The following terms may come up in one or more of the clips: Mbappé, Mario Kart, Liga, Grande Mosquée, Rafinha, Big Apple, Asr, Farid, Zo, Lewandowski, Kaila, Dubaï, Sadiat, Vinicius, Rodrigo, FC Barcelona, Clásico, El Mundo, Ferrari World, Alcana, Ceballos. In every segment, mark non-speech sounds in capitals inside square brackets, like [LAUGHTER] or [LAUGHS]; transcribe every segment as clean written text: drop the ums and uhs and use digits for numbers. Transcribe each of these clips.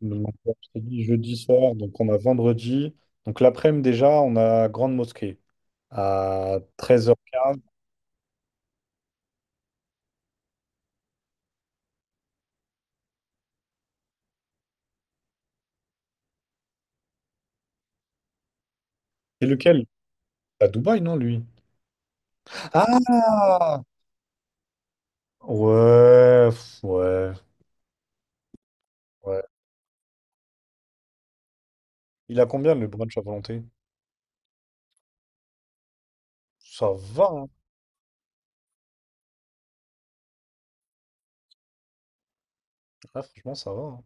Donc, je t'ai dit jeudi soir, donc on a vendredi. Donc l'après-midi déjà, on a Grande Mosquée à 13h15. C'est lequel? À Dubaï, non, lui? Ah! Ouais, ouais, ouais. Il a combien le brunch à volonté? Ça va, hein. Ouais, franchement, ça va, hein.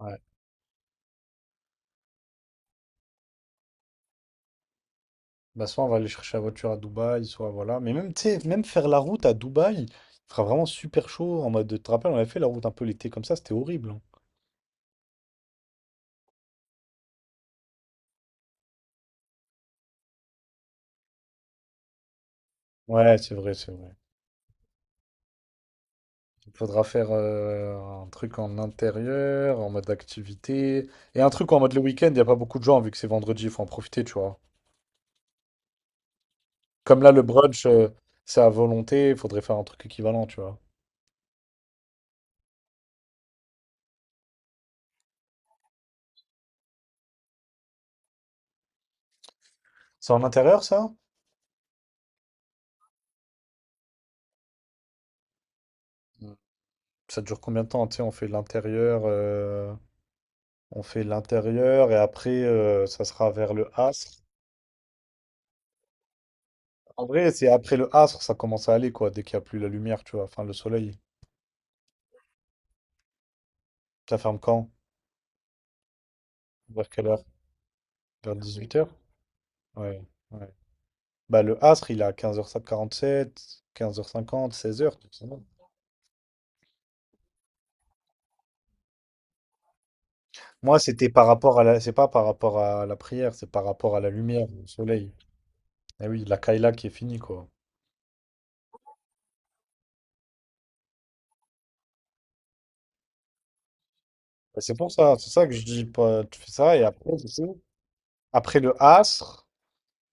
Ouais. Bah, soit on va aller chercher la voiture à Dubaï, soit voilà. Mais même, tu sais, même faire la route à Dubaï, il fera vraiment super chaud. En mode, tu te rappelles, on avait fait la route un peu l'été comme ça, c'était horrible, hein. Ouais, c'est vrai, c'est vrai. Il faudra faire un truc en intérieur, en mode activité. Et un truc en mode le week-end, il n'y a pas beaucoup de gens vu que c'est vendredi, il faut en profiter, tu vois. Comme là, le brunch, c'est à volonté, il faudrait faire un truc équivalent, tu vois. C'est en intérieur, ça? Mm. Ça dure combien de temps? Tu sais, on fait l'intérieur et après, ça sera vers le asr. En vrai, c'est après le asr, ça commence à aller, quoi, dès qu'il n'y a plus la lumière, tu vois. Enfin, le soleil. Ça ferme quand? Vers quelle heure? Vers 18h? Ouais, ouais. Bah, le Asr, il est à 15 h sept 15h50, 16h tout ça. Moi, c'était par rapport à la... C'est pas par rapport à la prière, c'est par rapport à la lumière, au soleil. Eh oui, la Kaila qui est finie, quoi. Bah, c'est pour ça, c'est ça que je dis. Tu fais ça et après, c'est ça. Après le Asr,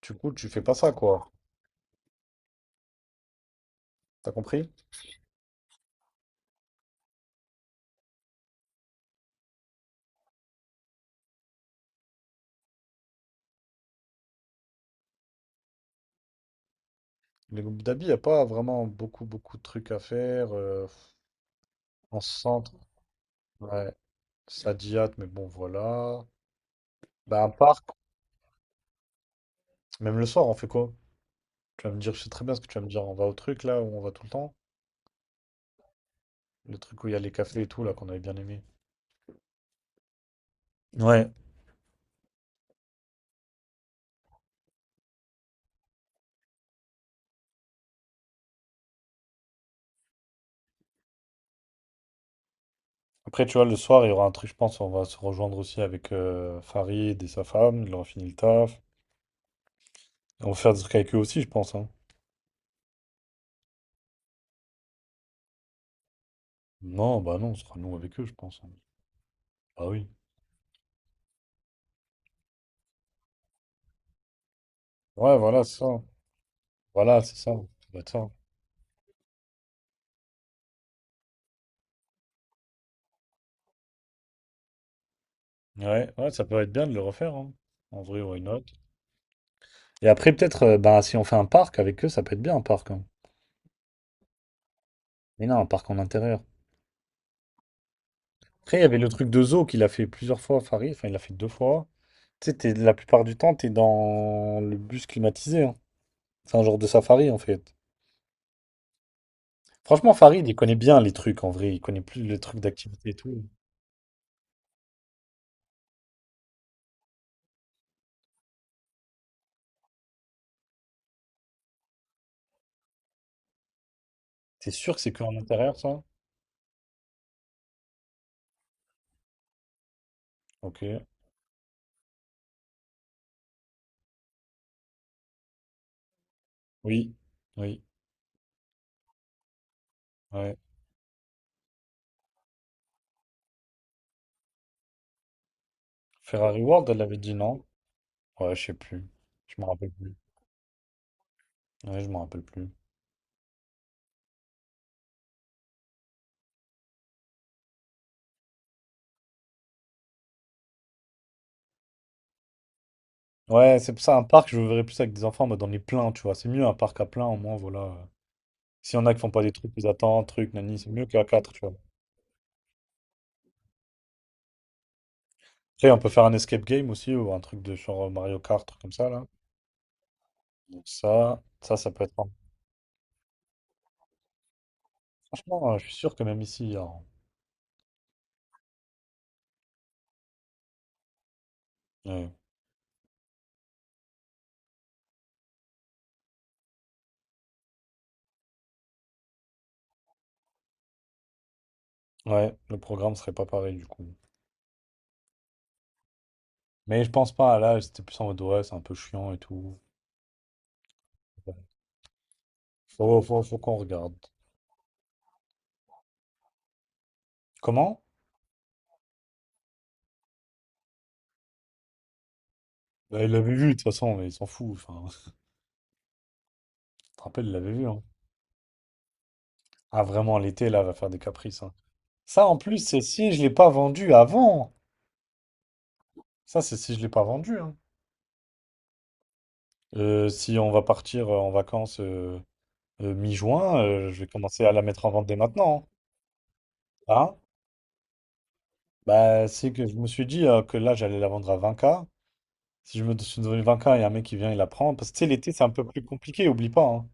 du coup, tu fais pas ça, quoi. T'as compris? Les groupes d'habits, il n'y a pas vraiment beaucoup, beaucoup de trucs à faire, en centre, ouais. Sadiat, mais bon, voilà. Bah, un parc, même le soir, on fait quoi? Tu vas me dire, je sais très bien ce que tu vas me dire. On va au truc là où on va tout le temps. Le truc où il y a les cafés et tout là qu'on avait bien aimé. Ouais. Après, tu vois, le soir, il y aura un truc, je pense. On va se rejoindre aussi avec Farid et sa femme. Il aura fini le taf. On va faire des trucs avec eux aussi, je pense, hein. Non, bah non, on sera nous avec eux, je pense, hein. Ah oui. Ouais, voilà, c'est ça. Voilà, c'est ça. Ça doit être ça. Ouais, ouais, ça peut être bien de le refaire, hein. En vrai, why not? Et après, peut-être, bah, si on fait un parc avec eux, ça peut être bien un parc, hein. Mais non, un parc en intérieur. Après, il y avait le truc de Zo qu'il a fait plusieurs fois, Farid. Enfin, il l'a fait deux fois. Tu sais, la plupart du temps, t'es dans le bus climatisé, hein. C'est un genre de safari, en fait. Franchement, Farid, il connaît bien les trucs, en vrai. Il connaît plus le truc d'activité et tout. T'es sûr que c'est que en intérieur, ça? Ok. Oui. Oui. Ouais. Ferrari World, elle avait dit non. Ouais, je sais plus. Je me rappelle plus. Ouais, je me rappelle plus. Ouais, c'est pour ça, un parc, je le verrais plus avec des enfants, mais dans les pleins, tu vois. C'est mieux un parc à plein, au moins, voilà. S'il y en a qui font pas des trucs, ils attendent, trucs, nani, c'est mieux qu'à quatre, tu vois. Après, on peut faire un escape game aussi, ou un truc de genre Mario Kart, truc comme ça, là. Donc ça peut être... Franchement, je suis sûr que même ici, hein, ouais. Ouais, le programme serait pas pareil, du coup. Mais je pense pas, là, c'était plus en mode, ouais, c'est un peu chiant et tout. Ouais. Faut qu'on regarde. Comment? Bah, il l'avait vu, de toute façon, mais il s'en fout. Enfin, [LAUGHS] tu te rappelles, il l'avait vu, hein. Ah, vraiment, l'été, là, va faire des caprices, hein. Ça, en plus, c'est si je l'ai pas vendu avant. Ça, c'est si je l'ai pas vendu, hein. Si on va partir en vacances... mi-juin, je vais commencer à la mettre en vente dès maintenant, hein. Hein. Bah, c'est que je me suis dit que là, j'allais la vendre à 20K. Si je me suis donné 20K et un mec qui vient, il la prend. Parce que tu sais, l'été, c'est un peu plus compliqué, oublie pas, hein.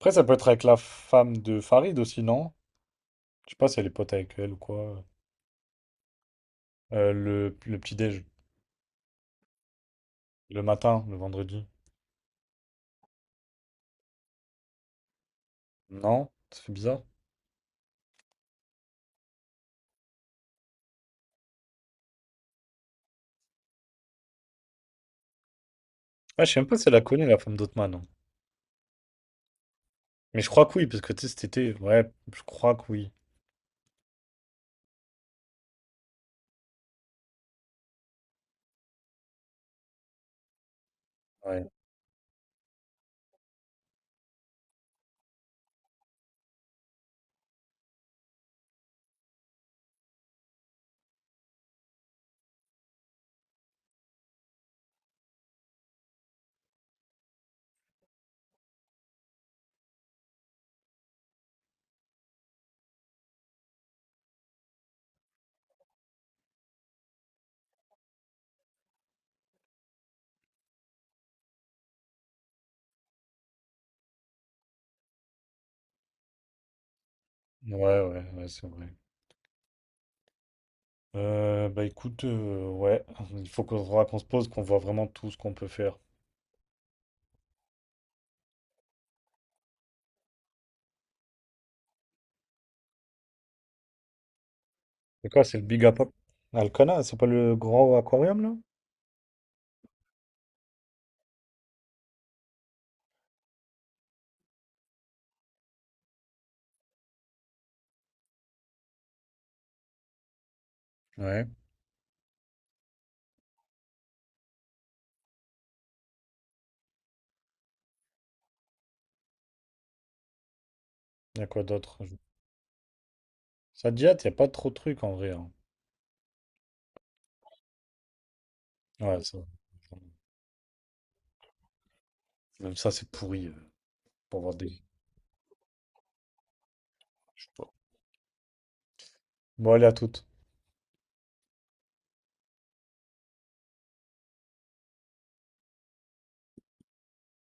Après, ça peut être avec la femme de Farid aussi, non? Je sais pas si elle est pote avec elle ou quoi. Le petit-déj, le matin, le vendredi. Non? Ça fait bizarre. Ouais, je sais même pas si elle la connaît, la femme d'Othman, hein. Mais je crois que oui, parce que tu sais, cet été, ouais, je crois que oui. Ouais, ouais, ouais, ouais, c'est vrai. Bah écoute, ouais, il faut qu'on faudra qu'on se pose, qu'on voit vraiment tout ce qu'on peut faire. C'est quoi, c'est le Big Apple? Alcana, c'est pas le grand aquarium là? Ouais. Il y a quoi d'autre? Je- Ça te jette, il n'y a pas trop de trucs en vrai, hein. Ouais, ça. Même ça, c'est pourri, pour voir des. Je sais pas. Bon, allez, à toutes.